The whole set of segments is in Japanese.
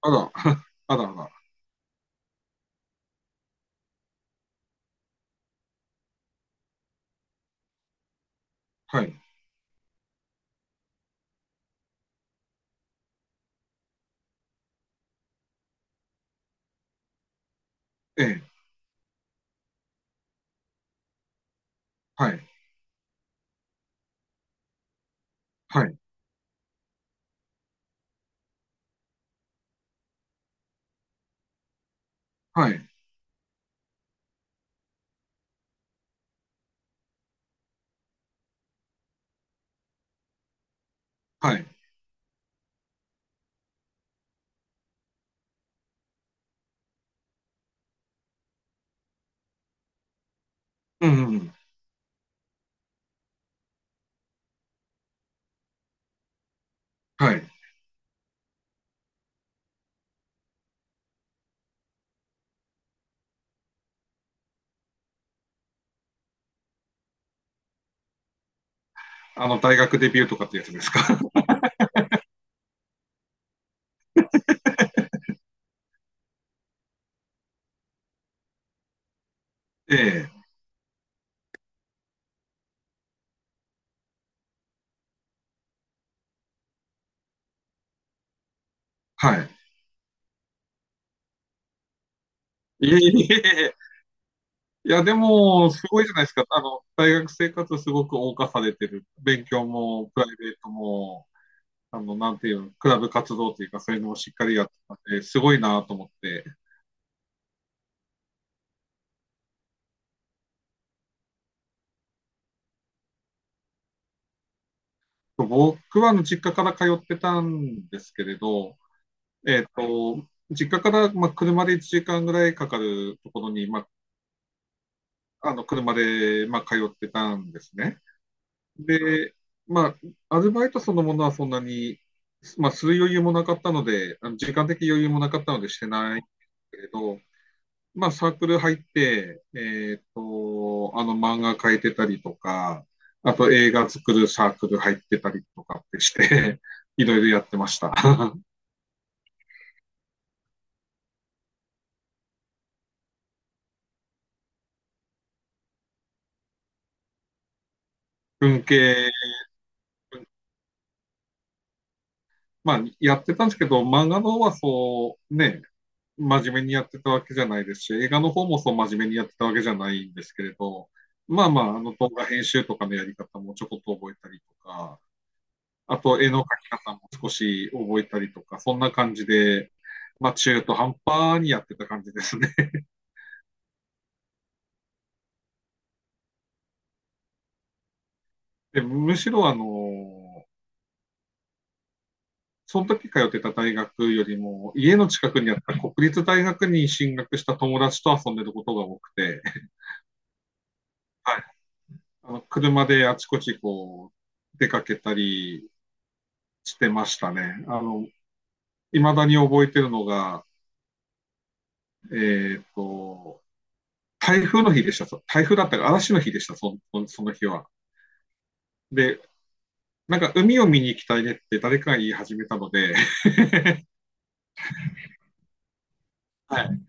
あら、あらあら。はい。ええ。はい。はい。はい。はい。うんうんうん。はい。あの、大学デビューとかってやつですか？ええ、はい。いえいえいえ。いや、でも、すごいじゃないですか。あの、大学生活すごく謳歌されてる。勉強も、プライベートも、あの、なんていうの、クラブ活動というか、そういうのをしっかりやってたんで、すごいなと思って。僕はあの実家から通ってたんですけれど、実家から、まあ、車で1時間ぐらいかかるところに、まあ、あの車で、まあ、通ってたんですね。で、まあ、アルバイトそのものはそんなに、まあ、する余裕もなかったので、あの時間的余裕もなかったのでしてないけれど、まあ、サークル入って、あの漫画描いてたりとか、あと映画作るサークル入ってたりとかってして、いろいろやってました。文系、まあ、やってたんですけど、漫画の方はそう、ね、真面目にやってたわけじゃないですし、映画の方もそう真面目にやってたわけじゃないんですけれど、まあまあ、あの動画編集とかのやり方もちょこっと覚えたりとか、あと絵の描き方も少し覚えたりとか、そんな感じで、まあ中途半端にやってた感じですね。でむしろあの、その時通ってた大学よりも、家の近くにあった国立大学に進学した友達と遊んでることが多くて、はい。あの車であちこちこう、出かけたり、してましたね。あの、未だに覚えてるのが、えっと、台風の日でした。台風だったか、嵐の日でした、その日は。で、なんか海を見に行きたいねって誰かが言い始めたので、はい、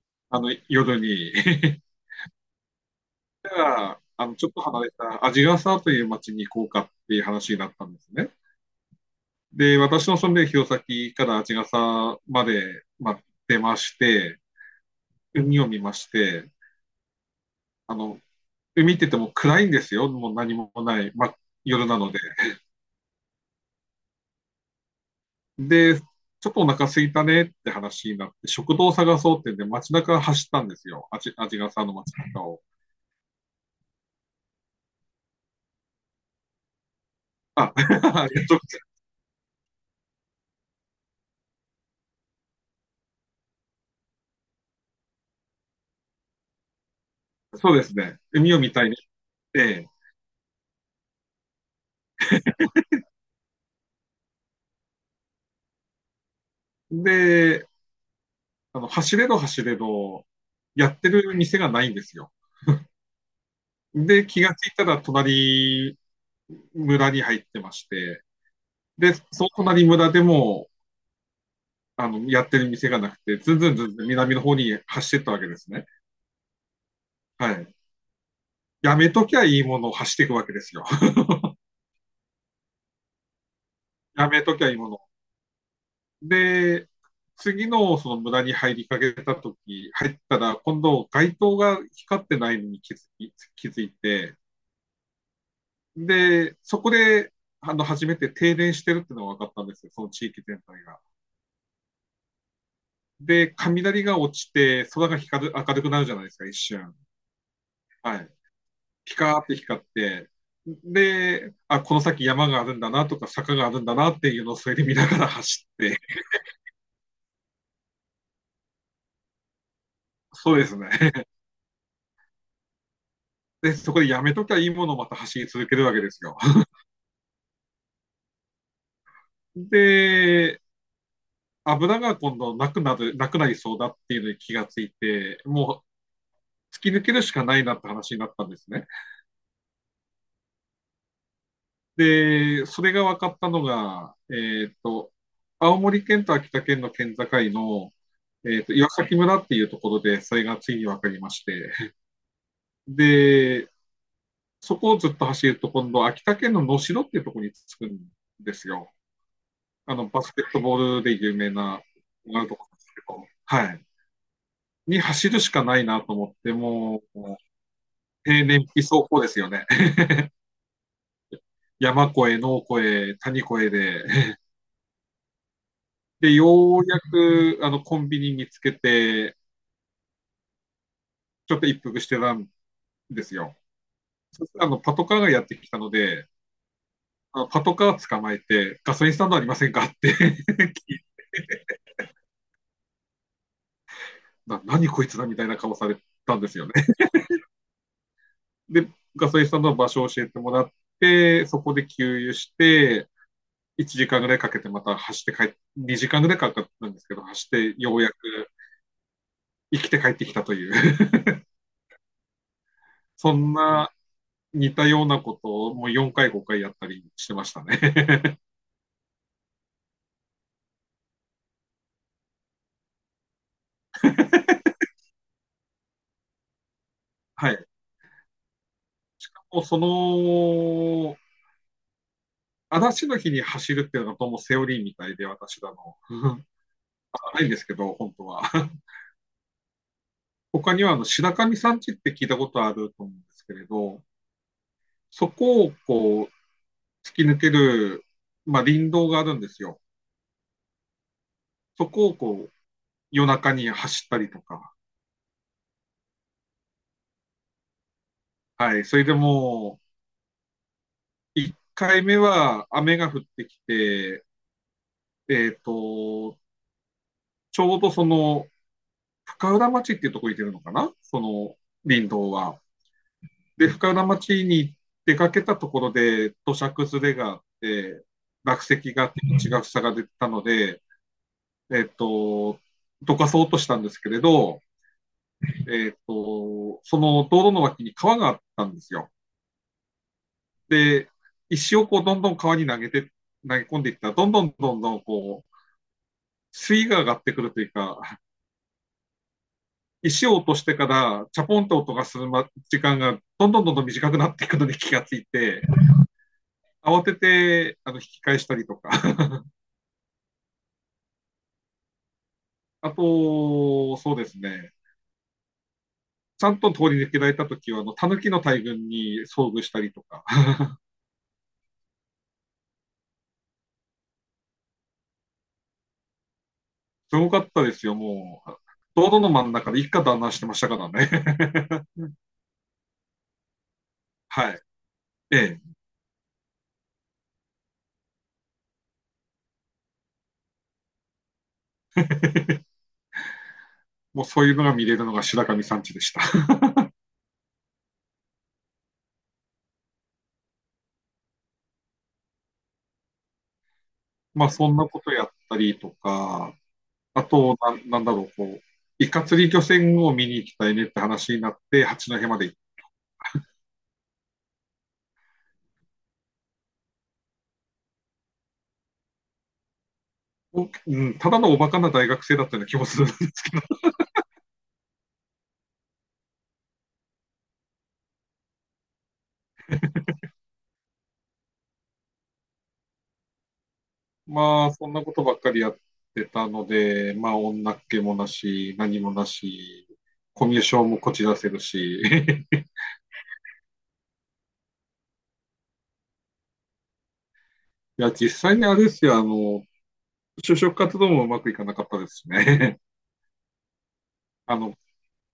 あの夜に だからあのちょっと離れた鰺ヶ沢という町に行こうかっていう話になったんですね。で、私の住んでる弘前から鰺ヶ沢まで、まあ、出まして、海を見まして、あので見てても暗いんですよ。もう何もない、ま、夜なので。で、ちょっとお腹空いたねって話になって、食堂を探そうってんで、街中走ったんですよ。あち、あちがさの街中を。あ、そうですね。海を見たいに行って、で、あの、走れど走れど、やってる店がないんですよ。で、気がついたら隣村に入ってまして、で、その隣村でも、あの、やってる店がなくて、ずんずんずんずん南の方に走ってったわけですね。はい。やめときゃいいものを走っていくわけですよ。やめときゃいいもの。で、次のその村に入りかけたとき、入ったら、今度街灯が光ってないのに気づいて、で、そこで、あの、初めて停電してるっていうのが分かったんですよ、その地域全体が。で、雷が落ちて、空が光る、明るくなるじゃないですか、一瞬。はい。ピカーって光って、で、あ、この先山があるんだなとか坂があるんだなっていうのをそれで見ながら走って、そうですね。で、そこでやめときゃいいものをまた走り続けるわけですよ。で、油が今度なくなる、なくなりそうだっていうのに気がついて、もう突き抜けるしかないなって話になったんですね。で、それが分かったのが、青森県と秋田県の県境の、岩崎村っていうところで、それがついに分かりまして、で、そこをずっと走ると、今度、秋田県の能代っていうところに着くんですよ。あの、バスケットボールで有名な、なるとこなですけど、はい。に走るしかないなと思って、もう平年期走行ですよね。山越え、農越え、谷越えで。で、ようやく、あの、コンビニ見つけて、ちょっと一服してたんですよ。そしたら、あの、パトカーがやってきたので、あのパトカー捕まえて、ガソリンスタンドありませんかって 聞いな何こいつだみたいな顔されたんですよね。で、ガソリンスタンドの場所を教えてもらって、そこで給油して、1時間ぐらいかけてまた走って帰って、2時間ぐらいかかったんですけど、走ってようやく生きて帰ってきたという、そんな似たようなことをもう4回、5回やったりしてましたね。はい。もうその、嵐の日に走るっていうのがどうもセオリーみたいで、私だの。ないんですけど、本当は。他には、あの、白神山地って聞いたことあると思うんですけれど、そこをこう、突き抜ける、まあ、林道があるんですよ。そこをこう、夜中に走ったりとか、はい、それでもう、1回目は雨が降ってきて、えっ、と、ちょうどその、深浦町っていうところに出るのかなその林道は。で、深浦町に出かけたところで土砂崩れがあって、落石があって血が塞がれてたので、えっ、と、どかそうとしたんですけれど、その道路の脇に川があったんですよ。で、石をこうどんどん川に投げて、投げ込んでいったら、どんどんどんどんこう、水位が上がってくるというか、石を落としてからチャポンと音がするま時間がどんどんどんどん短くなっていくのに気がついて、慌ててあの引き返したりとか、あと、そうですね、ちゃんと通り抜けられた時は、あの、狸の大群に遭遇したりとか、すごかったですよ、もう。道路の真ん中で一家団らんしてましたからね。はい。ええ。もうそういうのが見れるのが白神山地でした。まあそんなことやったりとか、あと、ななんだろう、こう、イカ釣り漁船を見に行きたいねって話になって、八戸まで行っうんただのおバカな大学生だったような気もする。まあそんなことばっかりやってたので、まあ女っ気もなし、何もなし、コミュ障もこじらせるし、いや、実際にあれですよ、あの、就職活動もうまくいかなかったですね。あの、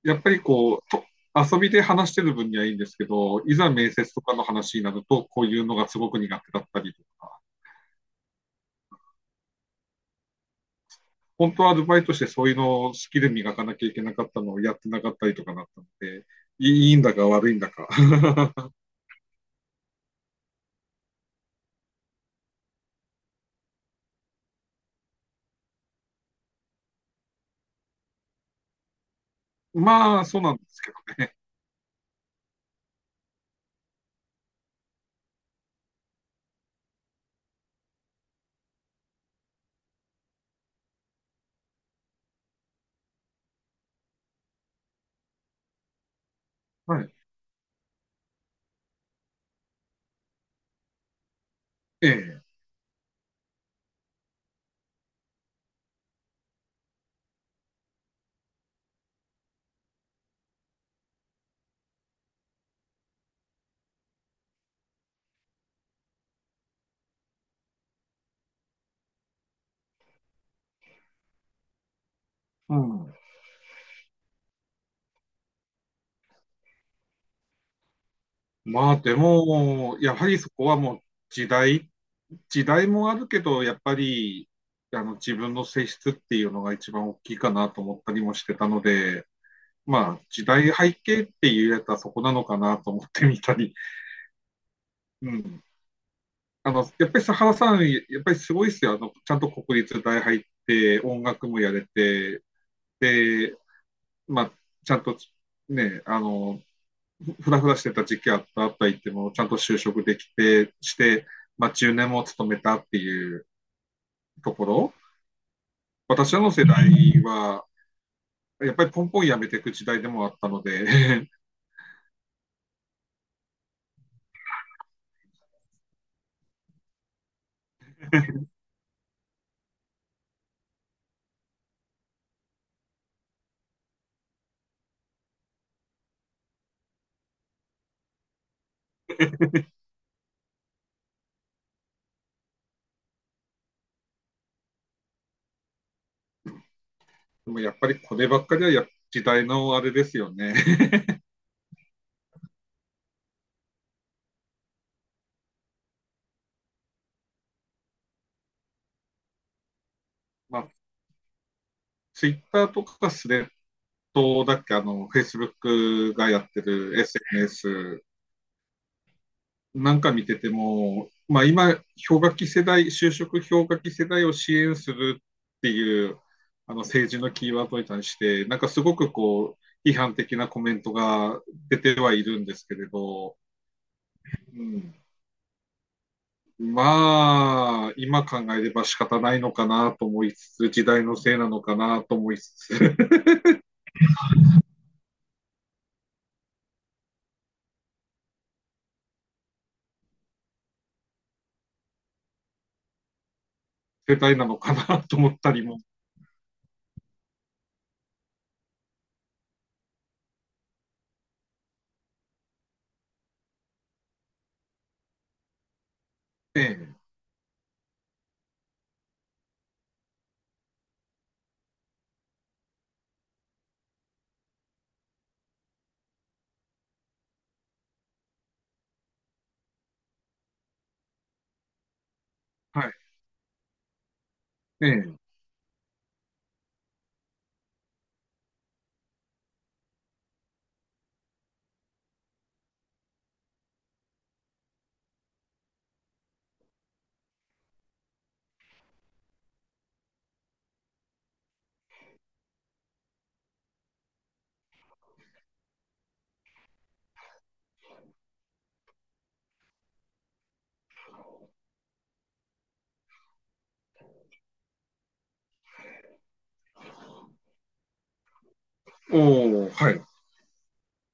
やっぱりこう、と遊びで話してる分にはいいんですけど、いざ面接とかの話になると、こういうのがすごく苦手だったりとか、本当はアルバイトしてそういうのをスキル磨かなきゃいけなかったのをやってなかったりとかなったので、いいんだか悪いんだか。まあ、そうなんですけどね。はい。ええ。うん。まあ、でも、やはりそこはもう時代、時代もあるけど、やっぱり、あの、自分の性質っていうのが一番大きいかなと思ったりもしてたので、まあ、時代背景って言えたらそこなのかなと思ってみたり、うん。あの、やっぱり佐原さん、やっぱりすごいですよ。あの、ちゃんと国立大入って、音楽もやれて、で、まあ、ちゃんとね、あの、ふらふらしてた時期あった言っても、ちゃんと就職できて、して、まあ、10年も勤めたっていうところ。私らの世代は、やっぱりポンポンやめていく時代でもあったので でもやっぱりこればっかりはや時代のあれですよね まあ、ツイッターとかスレッドだっけ、あの、フェイスブックがやってる SNS なんか見てても、まあ今、氷河期世代、就職氷河期世代を支援するっていう、あの政治のキーワードに対して、なんかすごくこう、批判的なコメントが出てはいるんですけれど、うん、まあ、今考えれば仕方ないのかなと思いつつ、時代のせいなのかなと思いつつ、世代なのかなと思ったりも、ね、はい、ええ。おお、はい。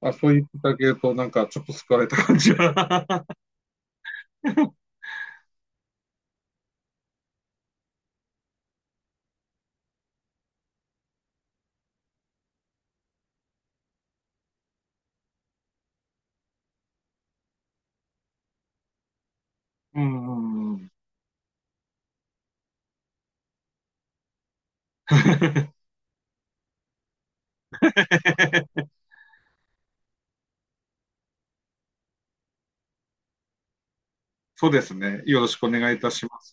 あ、そう言っていただけると、なんかちょっと救われた感じは。うんうんうん。そうですね。よろしくお願いいたします。